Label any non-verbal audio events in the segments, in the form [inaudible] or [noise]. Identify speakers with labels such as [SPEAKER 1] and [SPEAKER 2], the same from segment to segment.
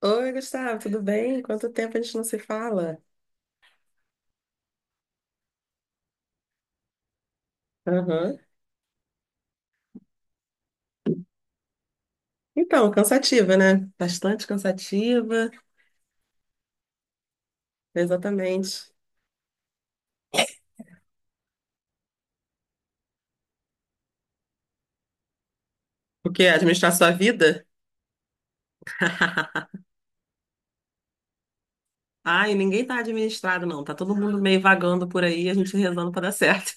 [SPEAKER 1] Oi, Gustavo, tudo bem? Quanto tempo a gente não se fala? Aham. Então, cansativa, né? Bastante cansativa, exatamente. O quê? Administrar sua vida? [laughs] Ai, ninguém tá administrado, não. Tá todo mundo meio vagando por aí, a gente rezando pra dar certo.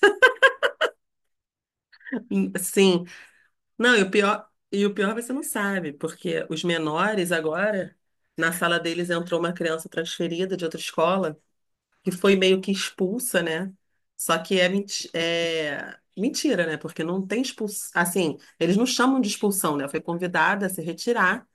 [SPEAKER 1] [laughs] Sim. Não, e o pior você não sabe, porque os menores agora, na sala deles entrou uma criança transferida de outra escola, que foi meio que expulsa, né? Só que é mentira, né? Porque não tem expulsão. Assim, eles não chamam de expulsão, né? Foi convidada a se retirar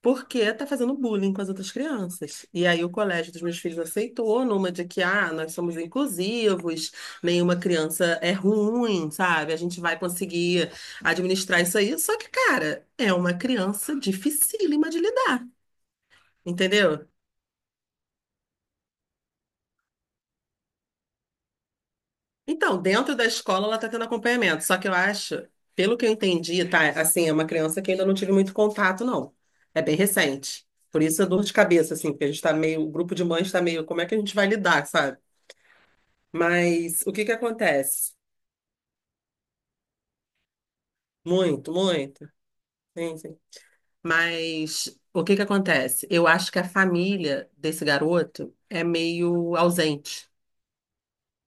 [SPEAKER 1] porque tá fazendo bullying com as outras crianças. E aí o colégio dos meus filhos aceitou numa de que, ah, nós somos inclusivos, nenhuma criança é ruim, sabe? A gente vai conseguir administrar isso aí. Só que, cara, é uma criança dificílima de lidar, entendeu? Então, dentro da escola ela está tendo acompanhamento, só que eu acho, pelo que eu entendi, tá? Assim, é uma criança que ainda não tive muito contato, não. É bem recente. Por isso é dor de cabeça, assim, porque a gente tá meio, o grupo de mães está meio, como é que a gente vai lidar, sabe? Mas o que que acontece? Muito, muito. Sim, sim. Mas o que que acontece? Eu acho que a família desse garoto é meio ausente.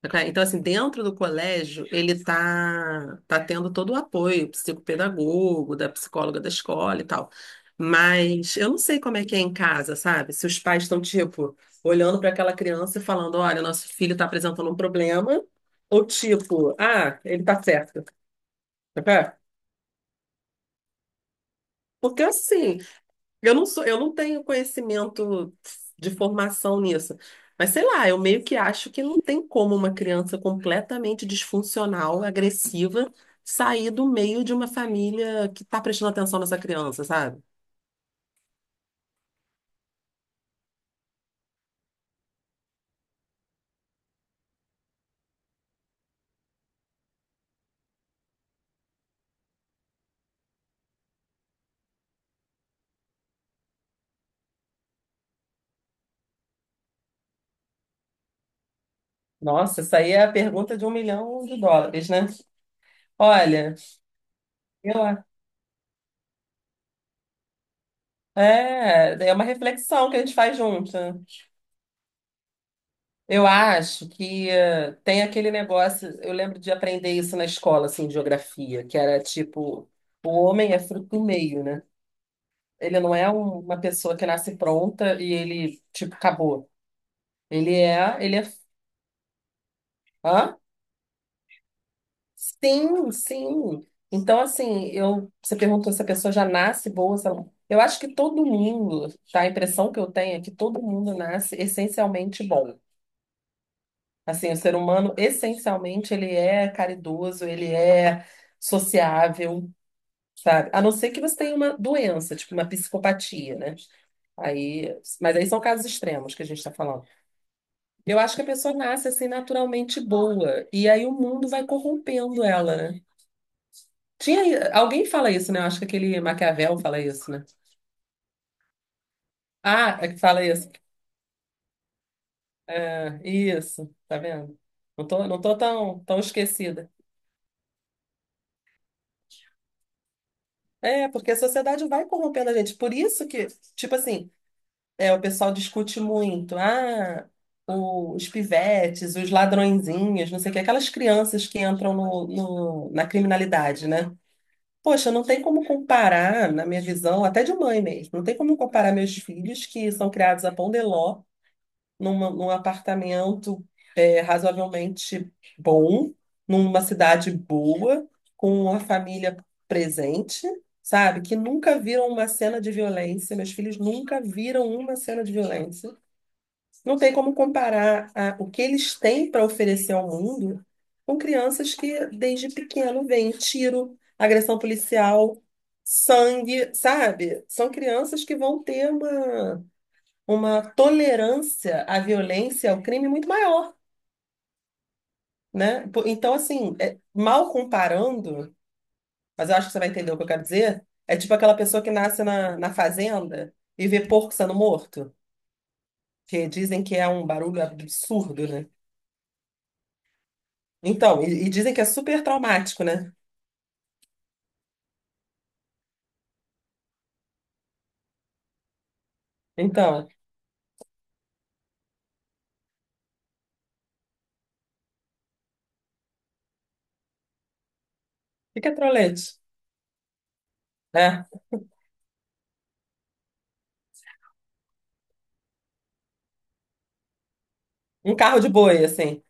[SPEAKER 1] Tá claro? Então, assim, dentro do colégio, ele tá tendo todo o apoio psicopedagogo, da psicóloga da escola e tal. Mas eu não sei como é que é em casa, sabe? Se os pais estão, tipo, olhando para aquela criança e falando, olha, nosso filho está apresentando um problema, ou tipo, ah, ele tá certo. Tá claro? Porque assim, eu não sou, eu não tenho conhecimento de formação nisso. Mas sei lá, eu meio que acho que não tem como uma criança completamente disfuncional, agressiva, sair do meio de uma família que está prestando atenção nessa criança, sabe? Nossa, isso aí é a pergunta de 1 milhão de dólares, né? Olha, eu, é, é uma reflexão que a gente faz junto. Eu acho que tem aquele negócio, eu lembro de aprender isso na escola, assim, de geografia, que era tipo, o homem é fruto do meio, né? Ele não é uma pessoa que nasce pronta e ele, tipo, acabou. Ele é, hã? Sim, sim. Então, assim, eu, você perguntou se a pessoa já nasce boa, se ela- eu acho que todo mundo, tá? A impressão que eu tenho é que todo mundo nasce essencialmente bom. Assim, o ser humano, essencialmente, ele é caridoso, ele é sociável, sabe? A não ser que você tenha uma doença, tipo uma psicopatia, né? Aí, mas aí são casos extremos que a gente está falando. Eu acho que a pessoa nasce assim naturalmente boa, e aí o mundo vai corrompendo ela, né? Alguém fala isso, né? Eu acho que aquele Maquiavel fala isso, né? Ah, é que fala isso. É, isso, tá vendo? Não tô tão, tão esquecida. É, porque a sociedade vai corrompendo a gente. Por isso que, tipo assim, o pessoal discute muito. Ah, os pivetes, os ladrõezinhos, não sei o que, aquelas crianças que entram no, na criminalidade, né? Poxa, não tem como comparar, na minha visão, até de mãe mesmo, não tem como comparar meus filhos que são criados a pão de ló num apartamento razoavelmente bom, numa cidade boa, com a família presente, sabe? Que nunca viram uma cena de violência, meus filhos nunca viram uma cena de violência. Não tem como comparar o que eles têm para oferecer ao mundo com crianças que desde pequeno veem tiro, agressão policial, sangue, sabe? São crianças que vão ter uma tolerância à violência, ao crime muito maior, né? Então, assim, mal comparando, mas eu acho que você vai entender o que eu quero dizer, é tipo aquela pessoa que nasce na, fazenda e vê porco sendo morto, que dizem que é um barulho absurdo, né? Então, e dizem que é super traumático, né? Então, fica que é trolete? É, um carro de boi, assim.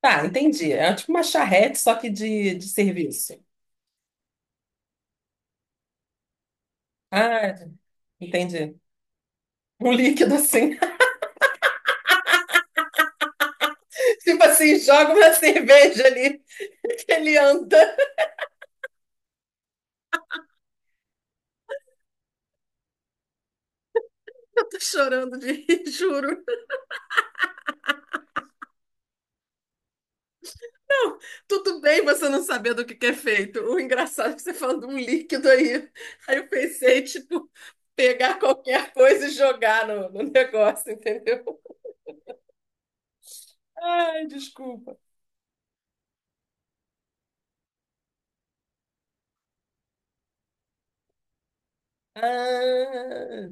[SPEAKER 1] Tá, entendi. É tipo uma charrete, só que de serviço. Ah, entendi. Um líquido assim. Tipo assim, joga uma cerveja ali, ele anda. Eu tô chorando de rir, [laughs] juro. Não, tudo bem você não saber do que é feito. O engraçado é que você falando de um líquido aí. Aí eu pensei, tipo, pegar qualquer coisa e jogar no, negócio, entendeu? Ai, desculpa. Ah,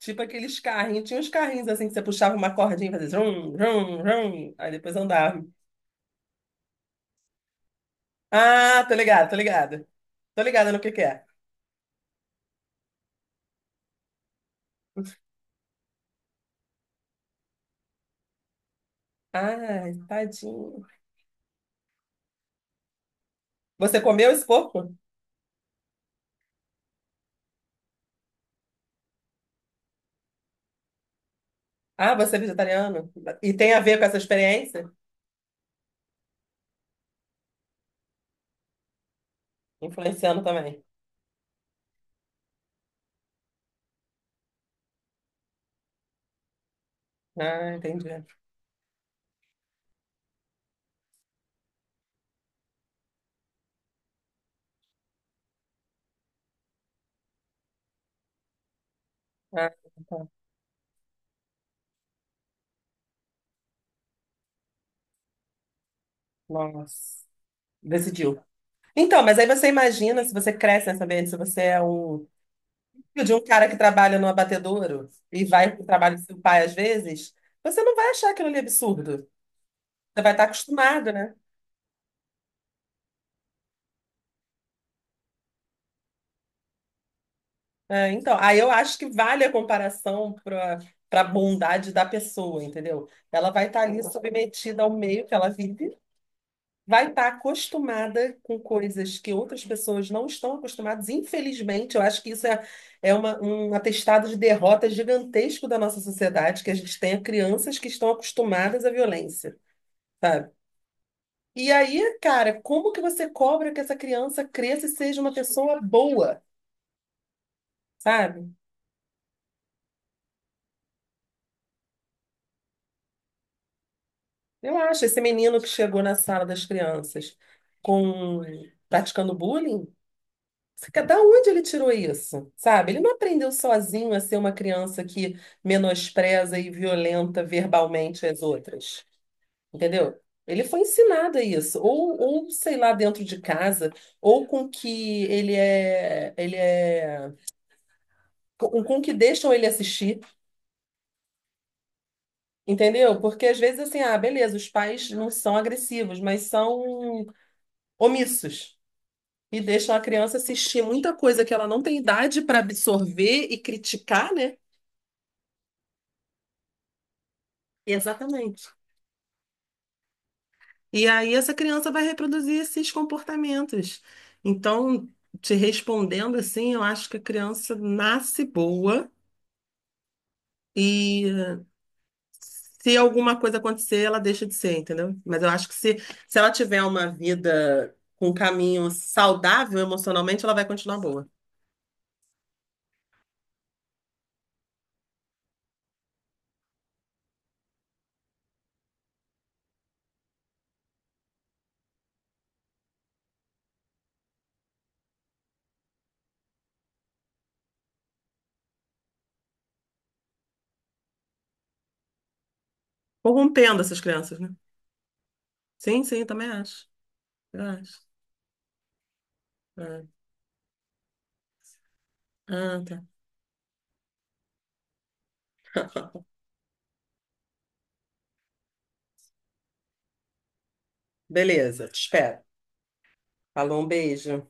[SPEAKER 1] tipo aqueles carrinhos. Tinha uns carrinhos assim que você puxava uma cordinha e fazia zum, zum, zum. Aí depois andava. Ah, tô ligado, tô ligado. Tô ligada no que é. Ai, tadinho. Você comeu esse porco? Ah, você é vegetariano? E tem a ver com essa experiência? Influenciando também. Ah, entendi. Ah, tá. Nossa. Decidiu. Então, mas aí você imagina se você cresce nessa ambiente, se você é um filho de um cara que trabalha no abatedouro e vai para o trabalho do seu pai às vezes, você não vai achar aquilo ali absurdo. Você vai estar acostumado, né? É, então, aí eu acho que vale a comparação para a bondade da pessoa, entendeu? Ela vai estar ali submetida ao meio que ela vive. Vai estar acostumada com coisas que outras pessoas não estão acostumadas. Infelizmente, eu acho que isso é, um atestado de derrota gigantesco da nossa sociedade, que a gente tenha crianças que estão acostumadas à violência, sabe? E aí, cara, como que você cobra que essa criança cresça e seja uma pessoa boa, sabe? Eu acho, esse menino que chegou na sala das crianças com praticando bullying, da onde ele tirou isso? Sabe? Ele não aprendeu sozinho a ser uma criança que menospreza e violenta verbalmente as outras. Entendeu? Ele foi ensinado a isso. Ou, sei lá, dentro de casa, ou com que ele é, com que deixam ele assistir. Entendeu? Porque às vezes assim, ah, beleza, os pais não são agressivos, mas são omissos. E deixam a criança assistir muita coisa que ela não tem idade para absorver e criticar, né? Exatamente. E aí essa criança vai reproduzir esses comportamentos. Então, te respondendo assim, eu acho que a criança nasce boa e se alguma coisa acontecer, ela deixa de ser, entendeu? Mas eu acho que se ela tiver uma vida com um caminho saudável emocionalmente, ela vai continuar boa. Corrompendo essas crianças, né? Sim, sim, também acho. Eu acho. Ah, ah, tá. Beleza, te espero. Falou, um beijo.